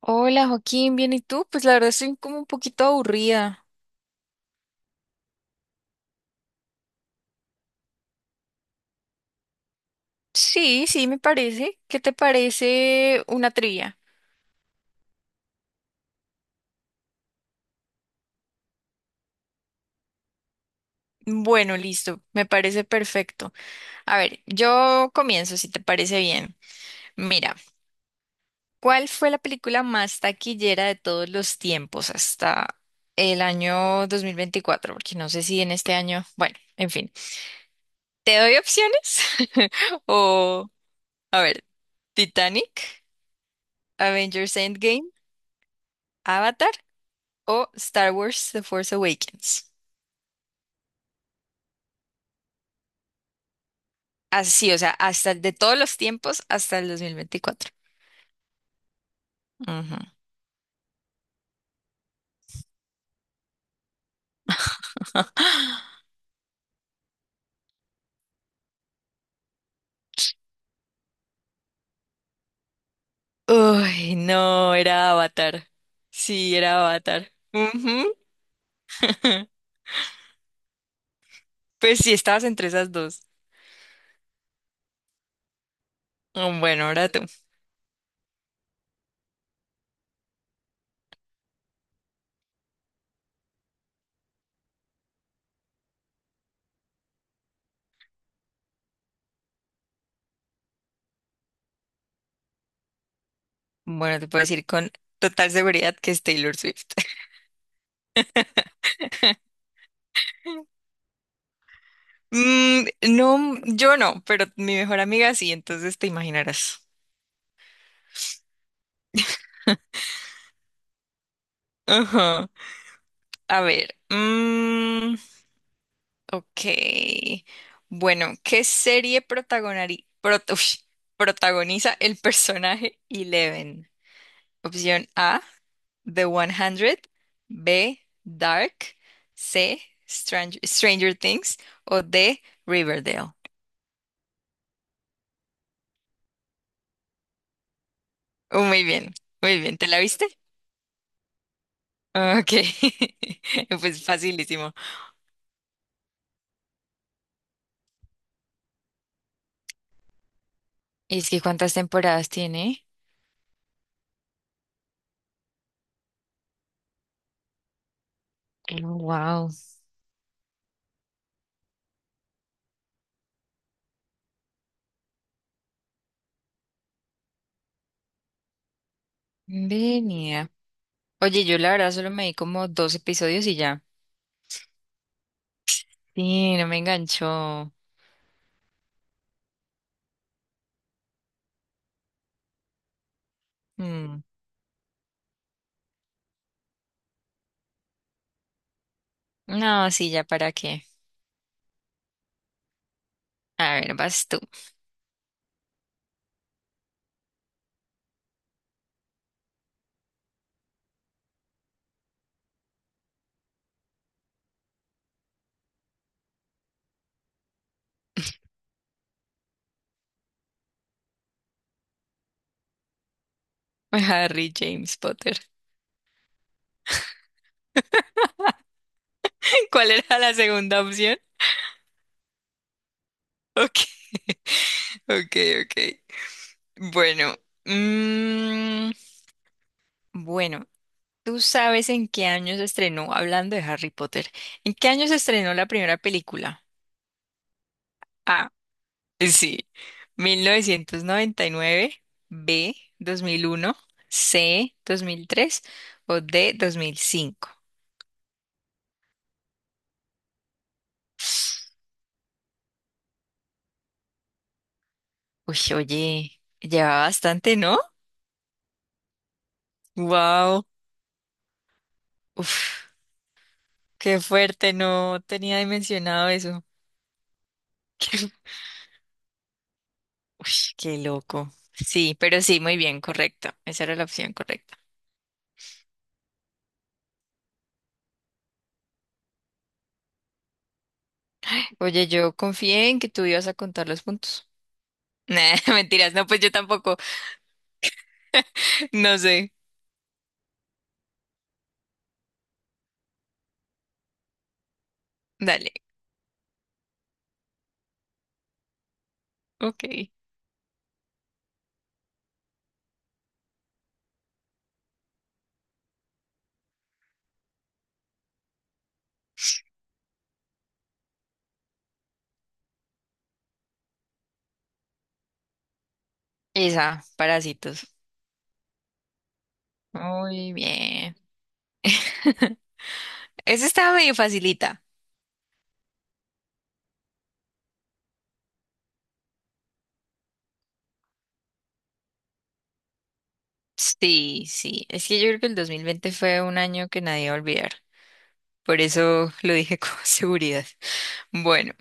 Hola Joaquín, bien, ¿y tú? Pues la verdad estoy como un poquito aburrida. Sí, sí, me parece. ¿Qué te parece una trivia? Bueno, listo, me parece perfecto. A ver, yo comienzo, si te parece bien. Mira, ¿cuál fue la película más taquillera de todos los tiempos hasta el año 2024? Porque no sé si en este año, bueno, en fin. ¿Te doy opciones? O, a ver, Titanic, Avengers Endgame, Avatar o Star Wars The Force Awakens. Así, o sea, hasta de todos los tiempos hasta el 2024. Ujú. Uy, no, era Avatar. Sí, era Avatar. Ujú. Pues sí, estabas entre esas dos. Bueno, ahora tú. Bueno, te puedo decir con total seguridad que es Taylor Swift. Mm, no, yo no, pero mi mejor amiga sí, entonces te imaginarás. Ajá. A ver. Ok. Bueno, ¿qué serie protagoniza el personaje Eleven? Opción A, The 100; B, Dark; C, Stranger Things; o D, Riverdale. Oh, muy bien, muy bien. ¿Te la viste? Ok. Pues facilísimo. Es que ¿cuántas temporadas tiene? Wow. Venía. Oye, yo la verdad solo me di como dos episodios y ya. Sí, no me enganchó. Mm, no, sí, ya para qué. A ver, vas tú. Harry James Potter. ¿Cuál era la segunda opción? Ok, ok, ok. Bueno, mm, bueno, ¿tú sabes en qué año se estrenó, hablando de Harry Potter, en qué año se estrenó la primera película? A, sí, 1999. B, 2001. C, 2003. O D, 2005. Uy, oye, lleva bastante, ¿no? Wow. Uf, qué fuerte, no tenía dimensionado eso. Qué, uy, qué loco. Sí, pero sí, muy bien, correcto. Esa era la opción correcta. Oye, yo confié en que tú ibas a contar los puntos. Nah, mentiras, no, pues yo tampoco. No sé. Dale. Ok. Esa, parásitos. Muy bien. Esa estaba medio facilita. Sí, sí. Es que yo creo que el 2020 fue un año que nadie va a olvidar. Por eso lo dije con seguridad. Bueno,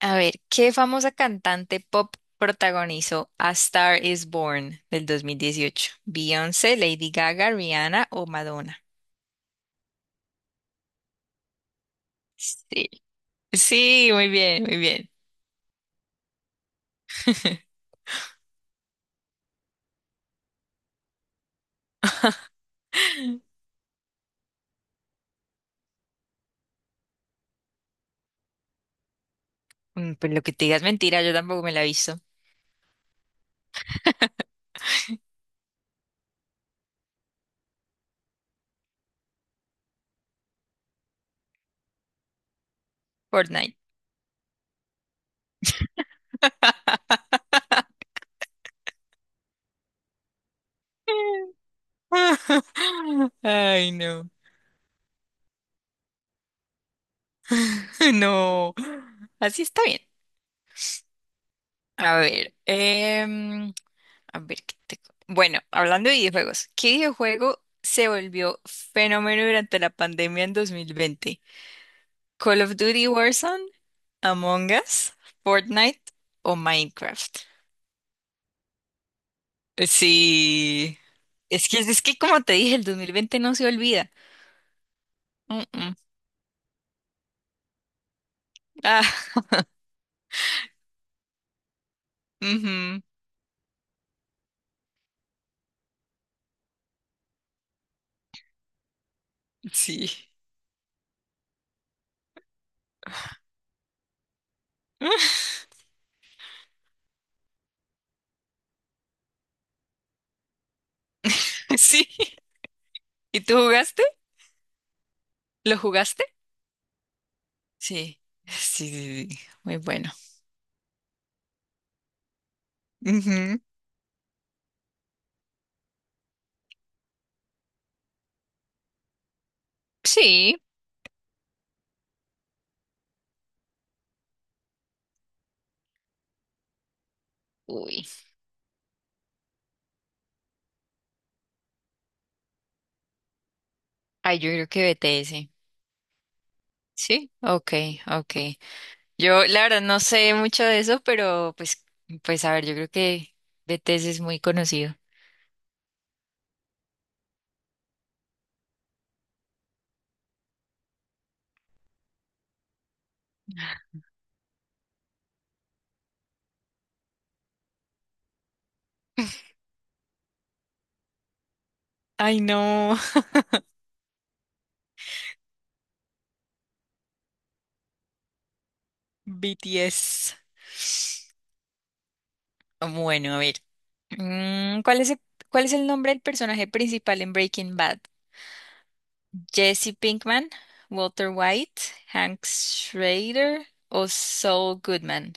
a ver, ¿qué famosa cantante pop protagonizó A Star is Born del 2018? ¿Beyoncé, Lady Gaga, Rihanna o Madonna? Sí, sí, muy bien, muy bien. Mm, pues lo que te digas mentira, yo tampoco me la he visto. Fortnite. Ay, no. No. Así está bien. A ver, a ver, ¿qué te bueno, hablando de videojuegos, ¿qué videojuego se volvió fenómeno durante la pandemia en 2020? ¿Call of Duty Warzone, Among Us, Fortnite o Minecraft? Sí, es que como te dije, el 2020 no se olvida. Mm, mm. Ah, ujú, sí. Sí. ¿Y tú jugaste? ¿Lo jugaste? Sí. Sí, sí, sí. Muy bueno. Ujú. Sí. Uy. Ay, yo creo que BTS. Sí, okay, okay. Yo la verdad no sé mucho de eso, pero pues, pues a ver, yo creo que BTS es muy conocido. Ay, no, BTS. Bueno, a ver. ¿Cuál es cuál es el nombre del personaje principal en Breaking Bad? ¿Jesse Pinkman, Walter White, Hank Schrader o Saul Goodman?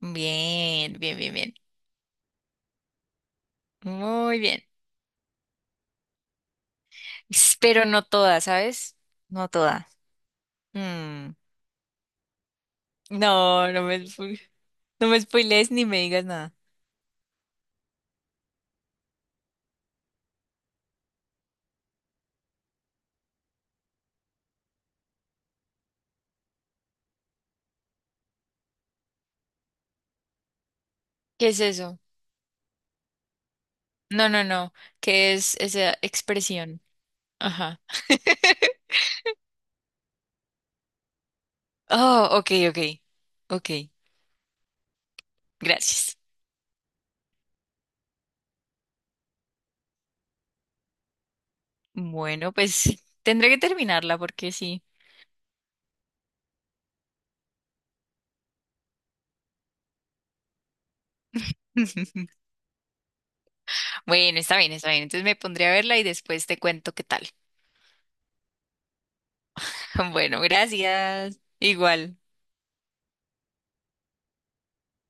Bien, bien, bien, bien. Muy bien. S- Pero no toda, ¿sabes? No toda. No, no me spoilees ni me digas nada. ¿Qué es eso? No, no, no. ¿Qué es esa expresión? Ajá. Oh, ok, ok. Ok, gracias. Bueno, pues tendré que terminarla porque sí. Bueno, está bien, está bien. Entonces me pondré a verla y después te cuento qué tal. Bueno, gracias. Igual.